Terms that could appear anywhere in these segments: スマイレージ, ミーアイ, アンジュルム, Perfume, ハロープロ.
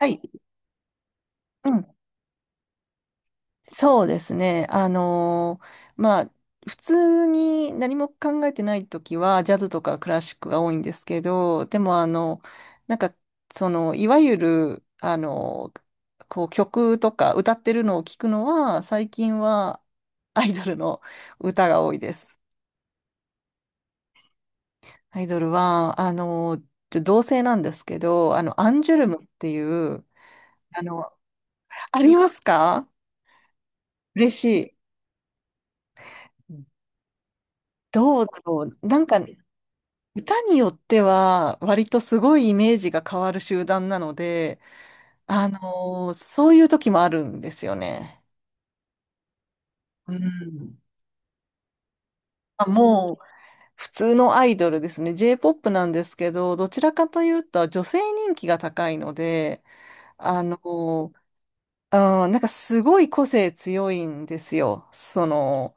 はい、うん、そうですね。まあ、普通に何も考えてないときは、ジャズとかクラシックが多いんですけど、でも、なんか、いわゆる、曲とか歌ってるのを聞くのは、最近はアイドルの歌が多いです。アイドルは、同性なんですけど、アンジュルムっていう、あの、ありますか？嬉しい。どうだろう。歌によっては、割とすごいイメージが変わる集団なので、あのそういう時もあるんですよね。うん。あ、もう、普通のアイドルですね。J-POP なんですけど、どちらかというと、女性人気が高いので、あのーすごい個性強いんですよ。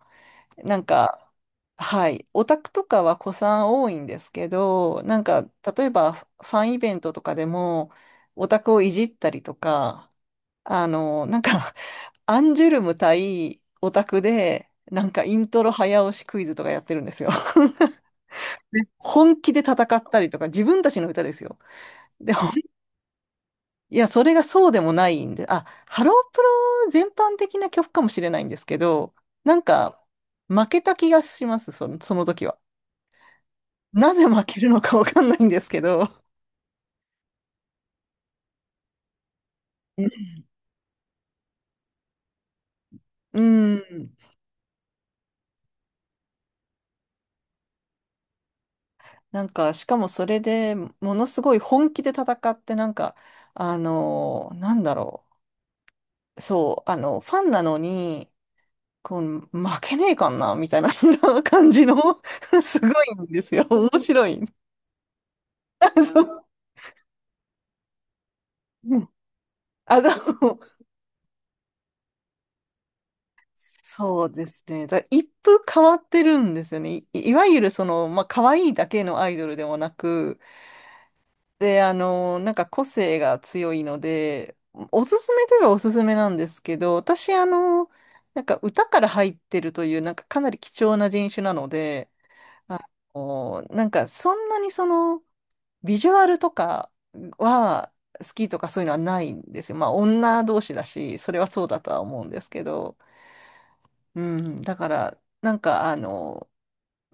なんか、はい。オタクとかは子さん多いんですけど、例えばファンイベントとかでも、オタクをいじったりとか、あの、なんか、アンジュルム対オタクで、イントロ早押しクイズとかやってるんですよ。で本気で戦ったりとか、自分たちの歌ですよ。でも、いや、それがそうでもないんで、あ、ハロープロ全般的な曲かもしれないんですけど、なんか、負けた気がします、その時は。なぜ負けるのかわかんないんですけど、うん、しかもそれでものすごい本気で戦って、なんだろう、そう、ファンなのに、こう、負けねえかんな、みたいな 感じの すごいんですよ。面白い。あ、そう。うん。あの、そうですね。だ一風変わってるんですよね。いわゆるまあ、可愛いだけのアイドルでもなく、で、個性が強いので、おすすめといえばおすすめなんですけど、私、歌から入ってるという、かなり貴重な人種なので、あの、なんかそんなにその、ビジュアルとかは好きとかそういうのはないんですよ。まあ、女同士だし、それはそうだとは思うんですけど、うん、だから、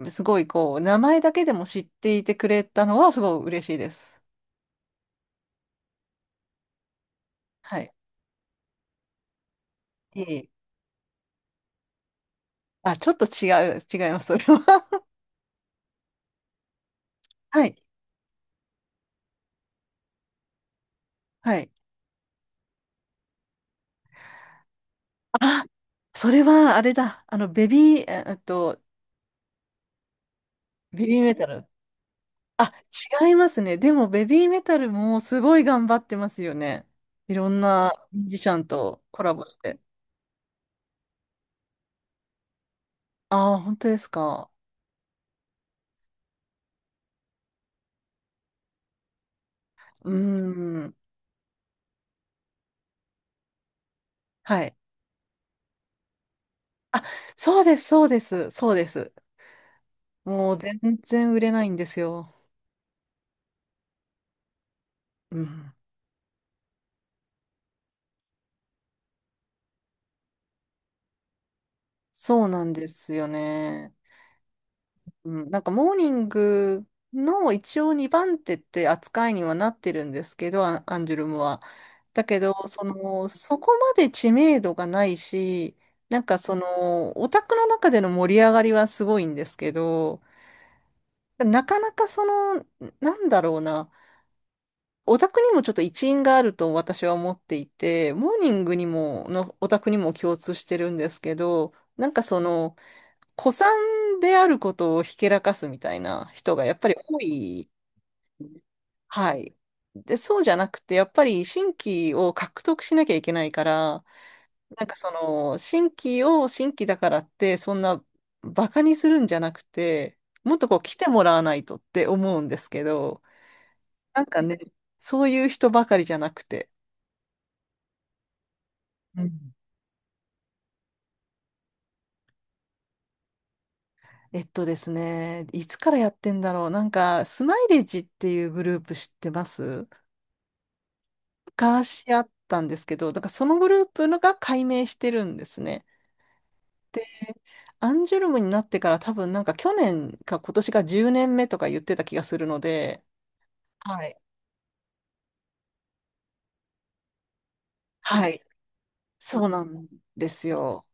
すごいこう、名前だけでも知っていてくれたのはすごい嬉しいです。はい。ええ、あ、ちょっと違います、それは。はい。はい。あ、それはあれだ。あの、ベビー、ええっと、ベビーメタル。あ、違いますね。でも、ベビーメタルもすごい頑張ってますよね。いろんなミュージシャンとコラボして。ああ、本当ですか。うーん。はい。あ、そうです、そうです、そうです。もう全然売れないんですよ。うん。そうなんですよね。うん、モーニングの一応2番手って扱いにはなってるんですけど、アンジュルムは。だけど、そこまで知名度がないし、オタクの中での盛り上がりはすごいんですけど、なかなかその、なんだろうな、オタクにもちょっと一因があると私は思っていて、モーニングにも、のオタクにも共通してるんですけど、古参であることをひけらかすみたいな人がやっぱり多い。はい。で、そうじゃなくて、やっぱり新規を獲得しなきゃいけないから、新規を新規だからって、そんなバカにするんじゃなくて、もっとこう来てもらわないとって思うんですけど、なんかね、そういう人ばかりじゃなくて。うん。えっとですね、いつからやってんだろう。スマイレージっていうグループ知ってます？昔しあったんですけど、だからそのグループが解明してるんですね。アンジュルムになってから多分去年か今年が10年目とか言ってた気がするので、はい。はい。そうなんですよ。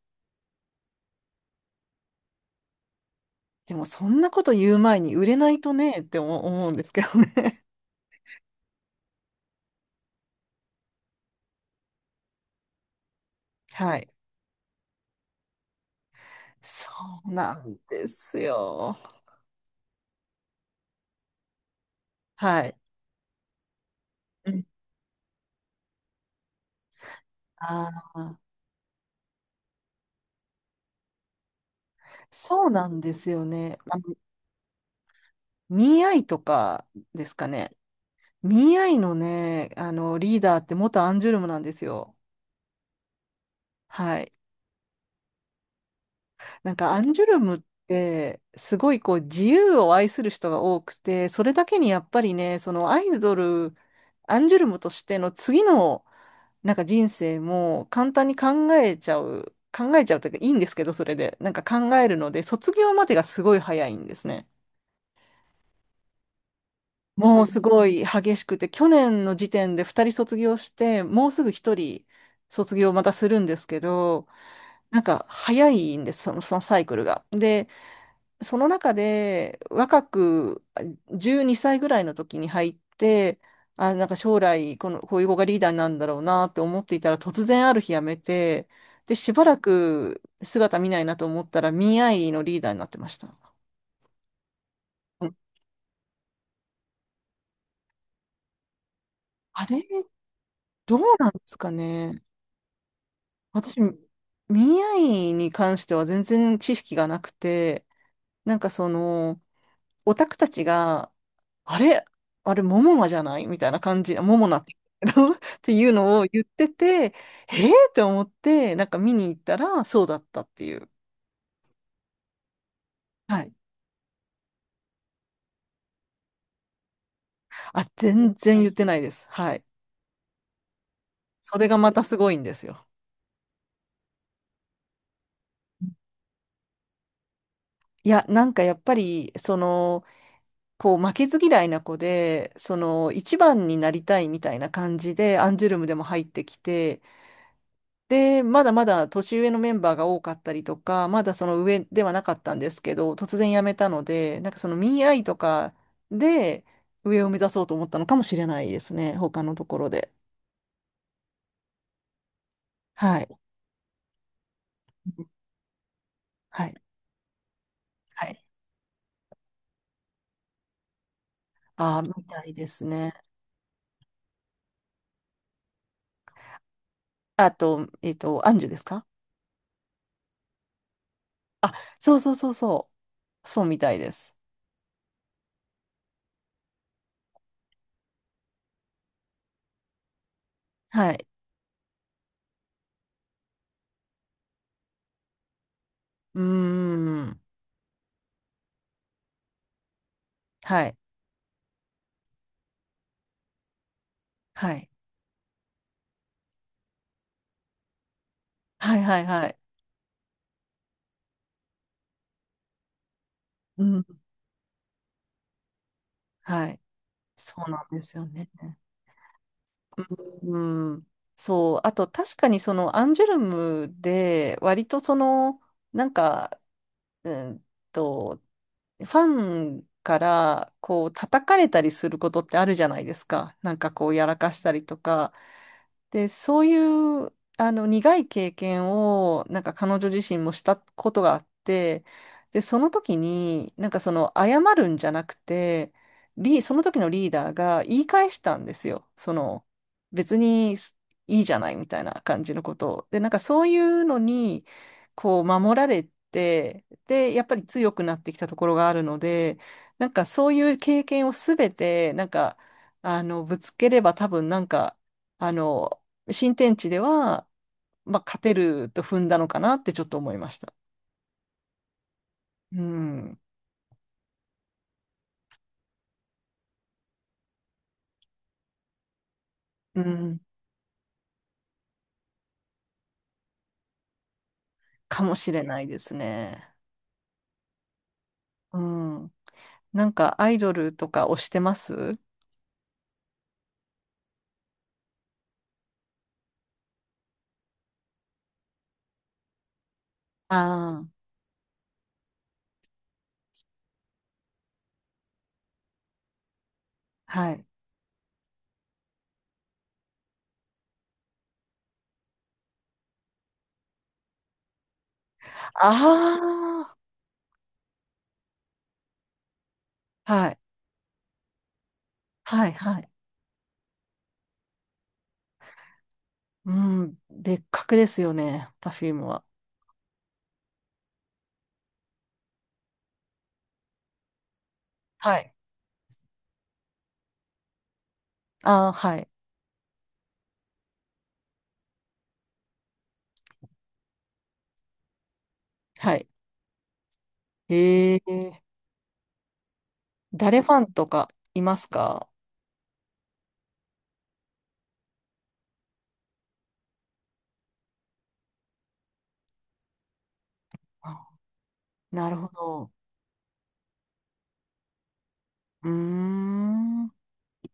でもそんなこと言う前に売れないとねって思うんですけどね。はい。そうなんですよ。はい。うん、ああ、そうなんですよね。ミーアイとかですかね。ミーアイのね、リーダーって元アンジュルムなんですよ。はい。アンジュルムって、すごいこう自由を愛する人が多くて、それだけにやっぱりね、そのアイドル、アンジュルムとしての次の人生も簡単に考えちゃう、考えちゃうというかいいんですけど、それで。考えるので、卒業までがすごい早いんですね。もうすごい激しくて、去年の時点で2人卒業して、もうすぐ1人卒業またするんですけど、早いんです、そのサイクルが。その中で若くあ12歳ぐらいの時に入って、あ、将来こういう子がリーダーになるんだろうなって思っていたら突然ある日辞めて、で、しばらく姿見ないなと思ったら、ミーアイのリーダーになってました。うん。あれ、どうなんですかね。私、ミーアイに関しては全然知識がなくて、なんかその、オタクたちがあれあれ、モモナじゃないみたいな感じ、モモナって、っていうのを言ってて、えー、って思って、見に行ったら、そうだったっていう。はい。あ、全然言ってないです。はい。それがまたすごいんですよ。いや、やっぱり、こう、負けず嫌いな子で、一番になりたいみたいな感じで、アンジュルムでも入ってきて、で、まだまだ年上のメンバーが多かったりとか、まだその上ではなかったんですけど、突然辞めたので、その見合いとかで上を目指そうと思ったのかもしれないですね、他のところで。はい。はい。はい。ああ、みたいですね。あと、アンジュですか？あ、そうそうそうそう。そうみたいです。はい。うーん。はい。はい。はいはいはい。うん。はい。そうなんですよね。うん、そう。あと、確かにそのアンジュルムで、割となんか、うんと、ファンからこう叩かれたりすることってあるじゃないですか。こうやらかしたりとか。で、そういう、苦い経験を、彼女自身もしたことがあって、で、その時に、謝るんじゃなくて、その時のリーダーが言い返したんですよ。別にいいじゃないみたいな感じのことを。で、そういうのに、こう、守られて、で、やっぱり強くなってきたところがあるので、そういう経験をすべて、ぶつければ多分あの、新天地では、まあ、勝てると踏んだのかなってちょっと思いました。うん。うん。かもしれないですね。うん。アイドルとか推してます？ああー、はい。ああ、はい。はい、はい。うん。別格ですよね、パフュームは。はい。ああ、はい。はい。へえ。誰ファンとかいますか？あ、なるほど。うーん。